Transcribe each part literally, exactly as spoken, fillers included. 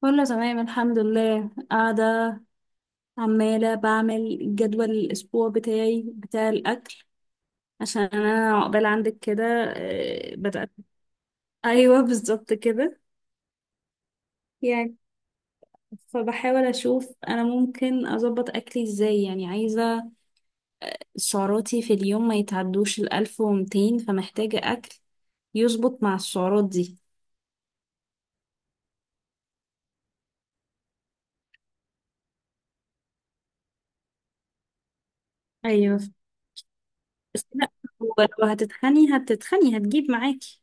كله تمام الحمد لله قاعدة، عمالة بعمل جدول الأسبوع بتاعي بتاع الأكل عشان أنا عقبال عندك كده. آه، بدأت أيوه بالظبط كده. يعني فبحاول أشوف أنا ممكن أظبط أكلي إزاي. يعني عايزة سعراتي في اليوم ما يتعدوش الألف ومتين، فمحتاجة أكل يظبط مع السعرات دي. أيوه، بس لا. هو لو هتتخني هتتخني هتجيب معاكي.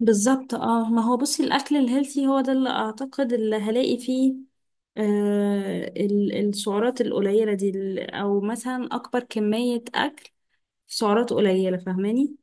بالظبط، اه ما هو بصي الاكل الهيلثي هو ده اللي اعتقد اللي هلاقي فيه آه ال- السعرات القليله دي، ال- او مثلا اكبر كميه اكل في سعرات قليله، فاهماني؟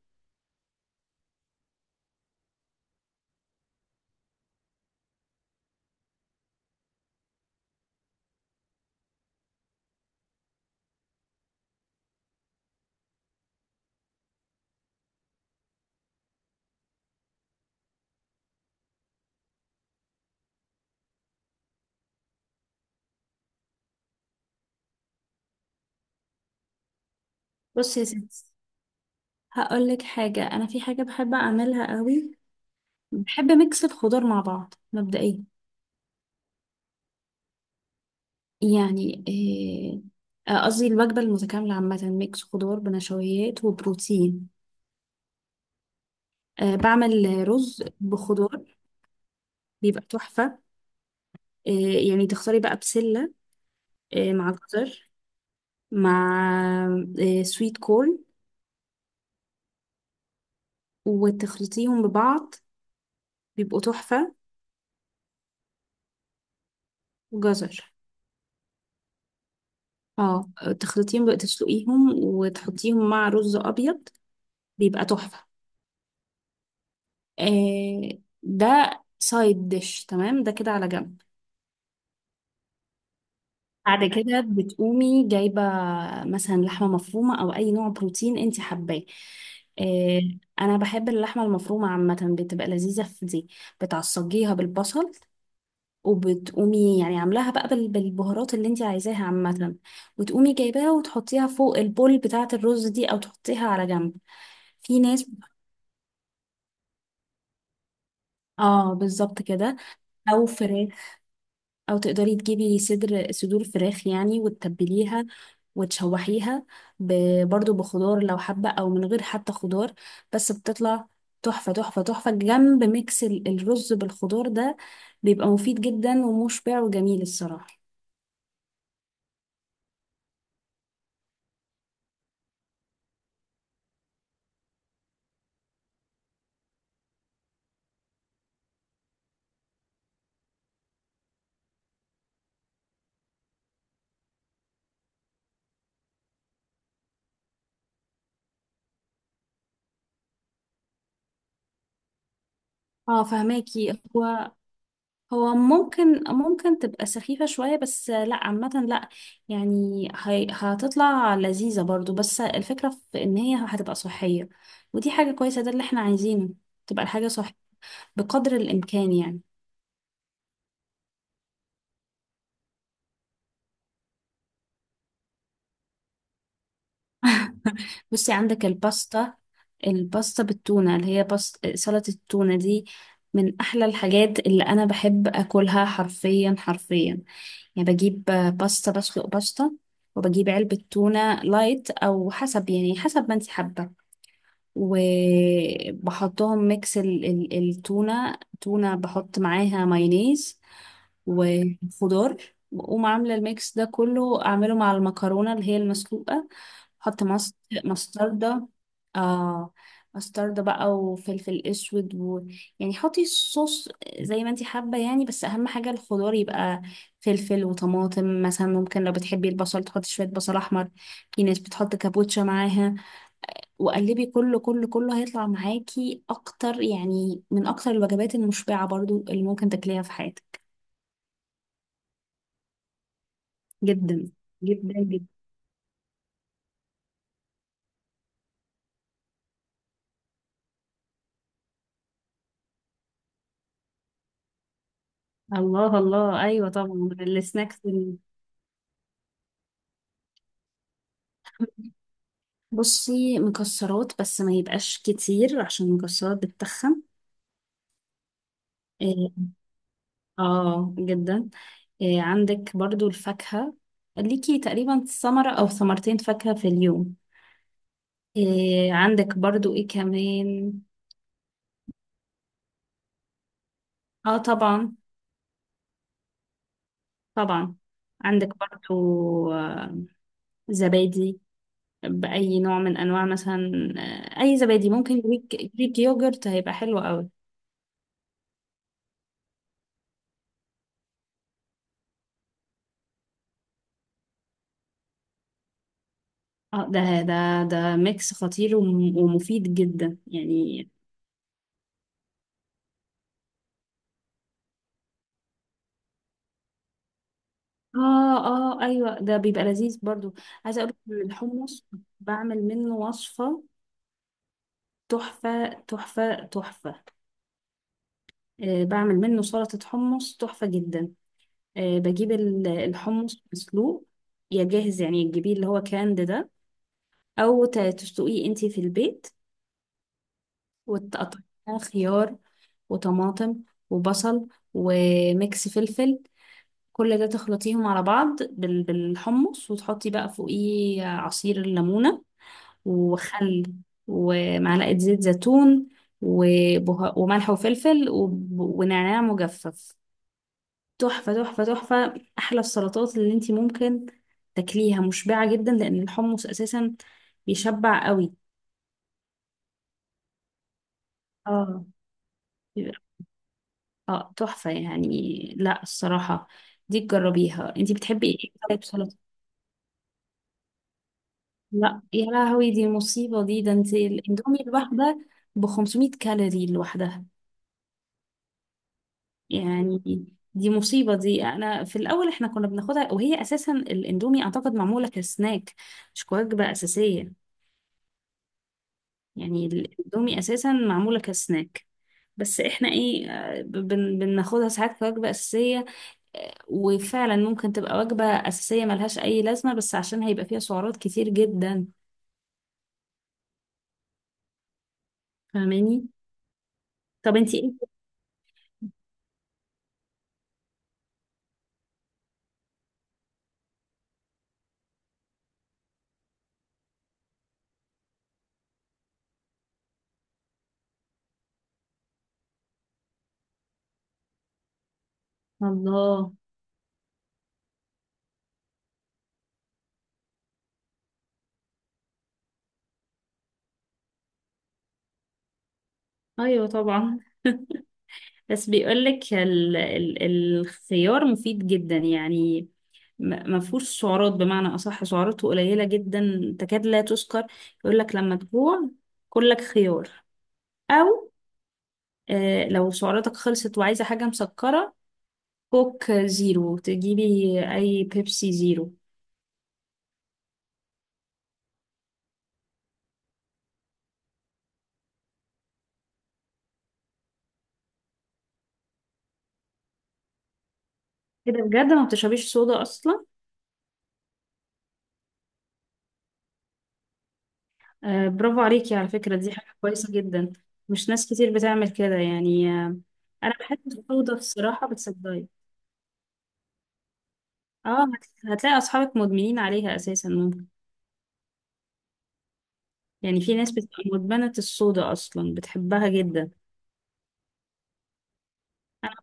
بصي يا ستي، هقول لك حاجه. انا في حاجه بحب اعملها قوي، بحب ميكس الخضار مع بعض مبدئيا. يعني آه، آه، قصدي الوجبه المتكامله عامه: ميكس خضار بنشويات وبروتين. آه بعمل رز بخضار، بيبقى تحفه. إيه يعني؟ تختاري بقى بسلة، إيه، مع جزر، مع إيه، سويت كورن، وتخلطيهم ببعض، بيبقوا تحفة. وجزر، اه. تخلطيهم بقى، تسلقيهم وتحطيهم مع رز أبيض، بيبقى تحفة. إيه ده! سايد ديش، تمام، ده كده على جنب. بعد كده بتقومي جايبة مثلا لحمة مفرومة أو أي نوع بروتين انت حباه. إيه، أنا بحب اللحمة المفرومة عامة، بتبقى لذيذة في دي. بتعصجيها بالبصل وبتقومي يعني عاملاها بقى بال- بالبهارات اللي انت عايزاها عامة، وتقومي جايباها وتحطيها فوق البول بتاعة الرز دي او تحطيها على جنب. في ناس، اه بالظبط كده. او فراخ، او تقدري تجيبي صدر صدور فراخ يعني وتتبليها وتشوحيها، ب- برضو بخضار لو حابة او من غير حتى خضار، بس بتطلع تحفة تحفة تحفة جنب ميكس ال- الرز بالخضار ده. بيبقى مفيد جدا ومشبع وجميل الصراحة. اه فهماكي. هو هو ممكن ممكن تبقى سخيفة شوية، بس لا عامة لا، يعني هي- هتطلع لذيذة برضو، بس الفكرة في ان هي هتبقى صحية ودي حاجة كويسة، ده اللي احنا عايزينه، تبقى الحاجة صح بقدر الامكان يعني. بصي عندك الباستا، الباستا بالتونة اللي هي باستا سلطة التونة دي، من احلى الحاجات اللي انا بحب اكلها، حرفيا حرفيا. يعني بجيب باستا، بسلق باستا، وبجيب علبة تونة لايت او حسب، يعني حسب ما انت حابة، وبحطهم ميكس ال- ال- التونة. تونة بحط معاها مايونيز وخضار، بقوم عاملة الميكس ده كله أعمله مع المكرونة اللي هي المسلوقة. بحط مس- مستردة. آه مستردة بقى وفلفل أسود و... يعني حطي الصوص زي ما انتي حابة يعني، بس أهم حاجة الخضار يبقى فلفل وطماطم مثلا، ممكن لو بتحبي البصل تحطي شوية بصل أحمر. في ناس بتحط كابوتشا معاها. وقلبي، كله كله كله هيطلع معاكي اكتر، يعني من اكتر الوجبات المشبعة برضو اللي ممكن تاكليها في حياتك. جدا جدا جدا. الله الله، ايوه طبعا. السناكس ال- بصي مكسرات، بس ما يبقاش كتير عشان المكسرات بتتخن. إيه، اه جدا. إيه، عندك برضو الفاكهة، ليكي تقريبا ثمرة او ثمرتين فاكهة في اليوم. إيه، عندك برضو ايه كمان، اه طبعا طبعا. عندك برضو آه، زبادي، بأي نوع من أنواع مثلا. آه، أي زبادي ممكن. جريك، جريك يوجرت هيبقى حلو قوي. اه ده ده، ده ميكس خطير وم- ومفيد جدا يعني. اه اه ايوه، ده بيبقى لذيذ برضو. عايزه اقول لك الحمص، بعمل منه وصفه تحفه تحفه تحفه. آه بعمل منه سلطه حمص تحفه جدا. آه بجيب ال- الحمص مسلوق، يا جاهز يعني تجيبيه اللي هو كاند ده، او ت- تسلقيه انتي في البيت، وتقطعيها خيار وطماطم وبصل وميكس فلفل. كل ده تخلطيهم على بعض بال- بالحمص، وتحطي بقى فوقيه عصير الليمونة وخل ومعلقة زيت زيتون وبه... وملح وفلفل وب... ونعناع مجفف. تحفة تحفة تحفة، أحلى السلطات اللي انتي ممكن تاكليها، مشبعة جدا لأن الحمص أساسا بيشبع قوي. اه اه تحفة يعني، لا الصراحة دي تجربيها. انتي بتحبي ايه طيب؟ سلطة؟ لا يا لهوي، دي مصيبة دي! ده انتي الاندومي الواحدة ب خمسميه كالوري لوحدها يعني، دي مصيبة دي. انا في الاول احنا كنا بناخدها، وهي اساسا الاندومي اعتقد معمولة كسناك مش كوجبة اساسية. يعني الاندومي اساسا معمولة كسناك، بس احنا ايه آه، بن- بناخدها ساعات كوجبة اساسية. وفعلا ممكن تبقى وجبة أساسية ملهاش أي لازمة، بس عشان هيبقى فيها سعرات كتير جدا، فاهماني. طب انتي ايه؟ الله. أيوة طبعا، بس بيقولك ال... ال... الخيار مفيد جدا يعني، ما فيهوش سعرات، بمعنى أصح سعراته قليلة جدا تكاد لا تذكر. يقولك لما تجوع كلك خيار، أو آه لو سعراتك خلصت وعايزة حاجة مسكرة كوك زيرو تجيبي، أي بيبسي زيرو. كده بجد ما بتشربيش صودا اصلا؟ آه برافو عليكي، على فكره دي حاجه كويسه جدا، مش ناس كتير بتعمل كده يعني، آه. انا بحب الصودا الصراحه، بتصدقي؟ اه هت- هتلاقي اصحابك مدمنين عليها اساسا ممكن، يعني في ناس بتبقى مدمنه الصودا اصلا بتحبها جدا. انا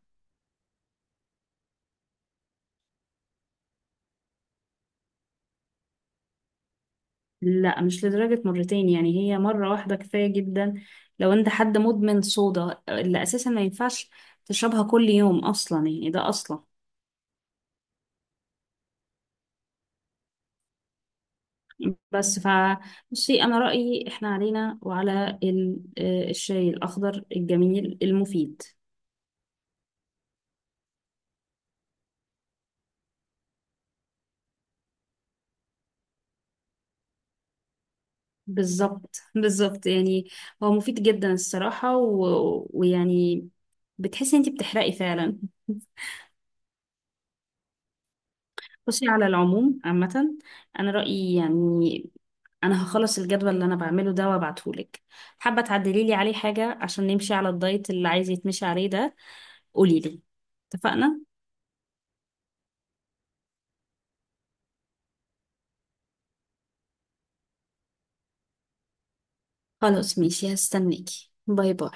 لا، مش لدرجه مرتين يعني، هي مره واحده كفايه جدا. لو انت حد مدمن صودا، اللي اساسا ما ينفعش تشربها كل يوم اصلا يعني ده اصلا. بس ف، بصي انا رايي احنا علينا وعلى ال- آه، الشاي الاخضر الجميل المفيد. بالظبط بالظبط يعني، هو مفيد جدا الصراحه و... ويعني بتحسي انتي بتحرقي فعلا. بصي على العموم عامه، انا رايي يعني انا هخلص الجدول اللي انا بعمله ده وابعتهولك. حابه تعدلي لي عليه حاجه عشان نمشي على الدايت اللي عايز يتمشي عليه ده، قولي لي. اتفقنا؟ خلاص ماشي، هستناكي، باي باي.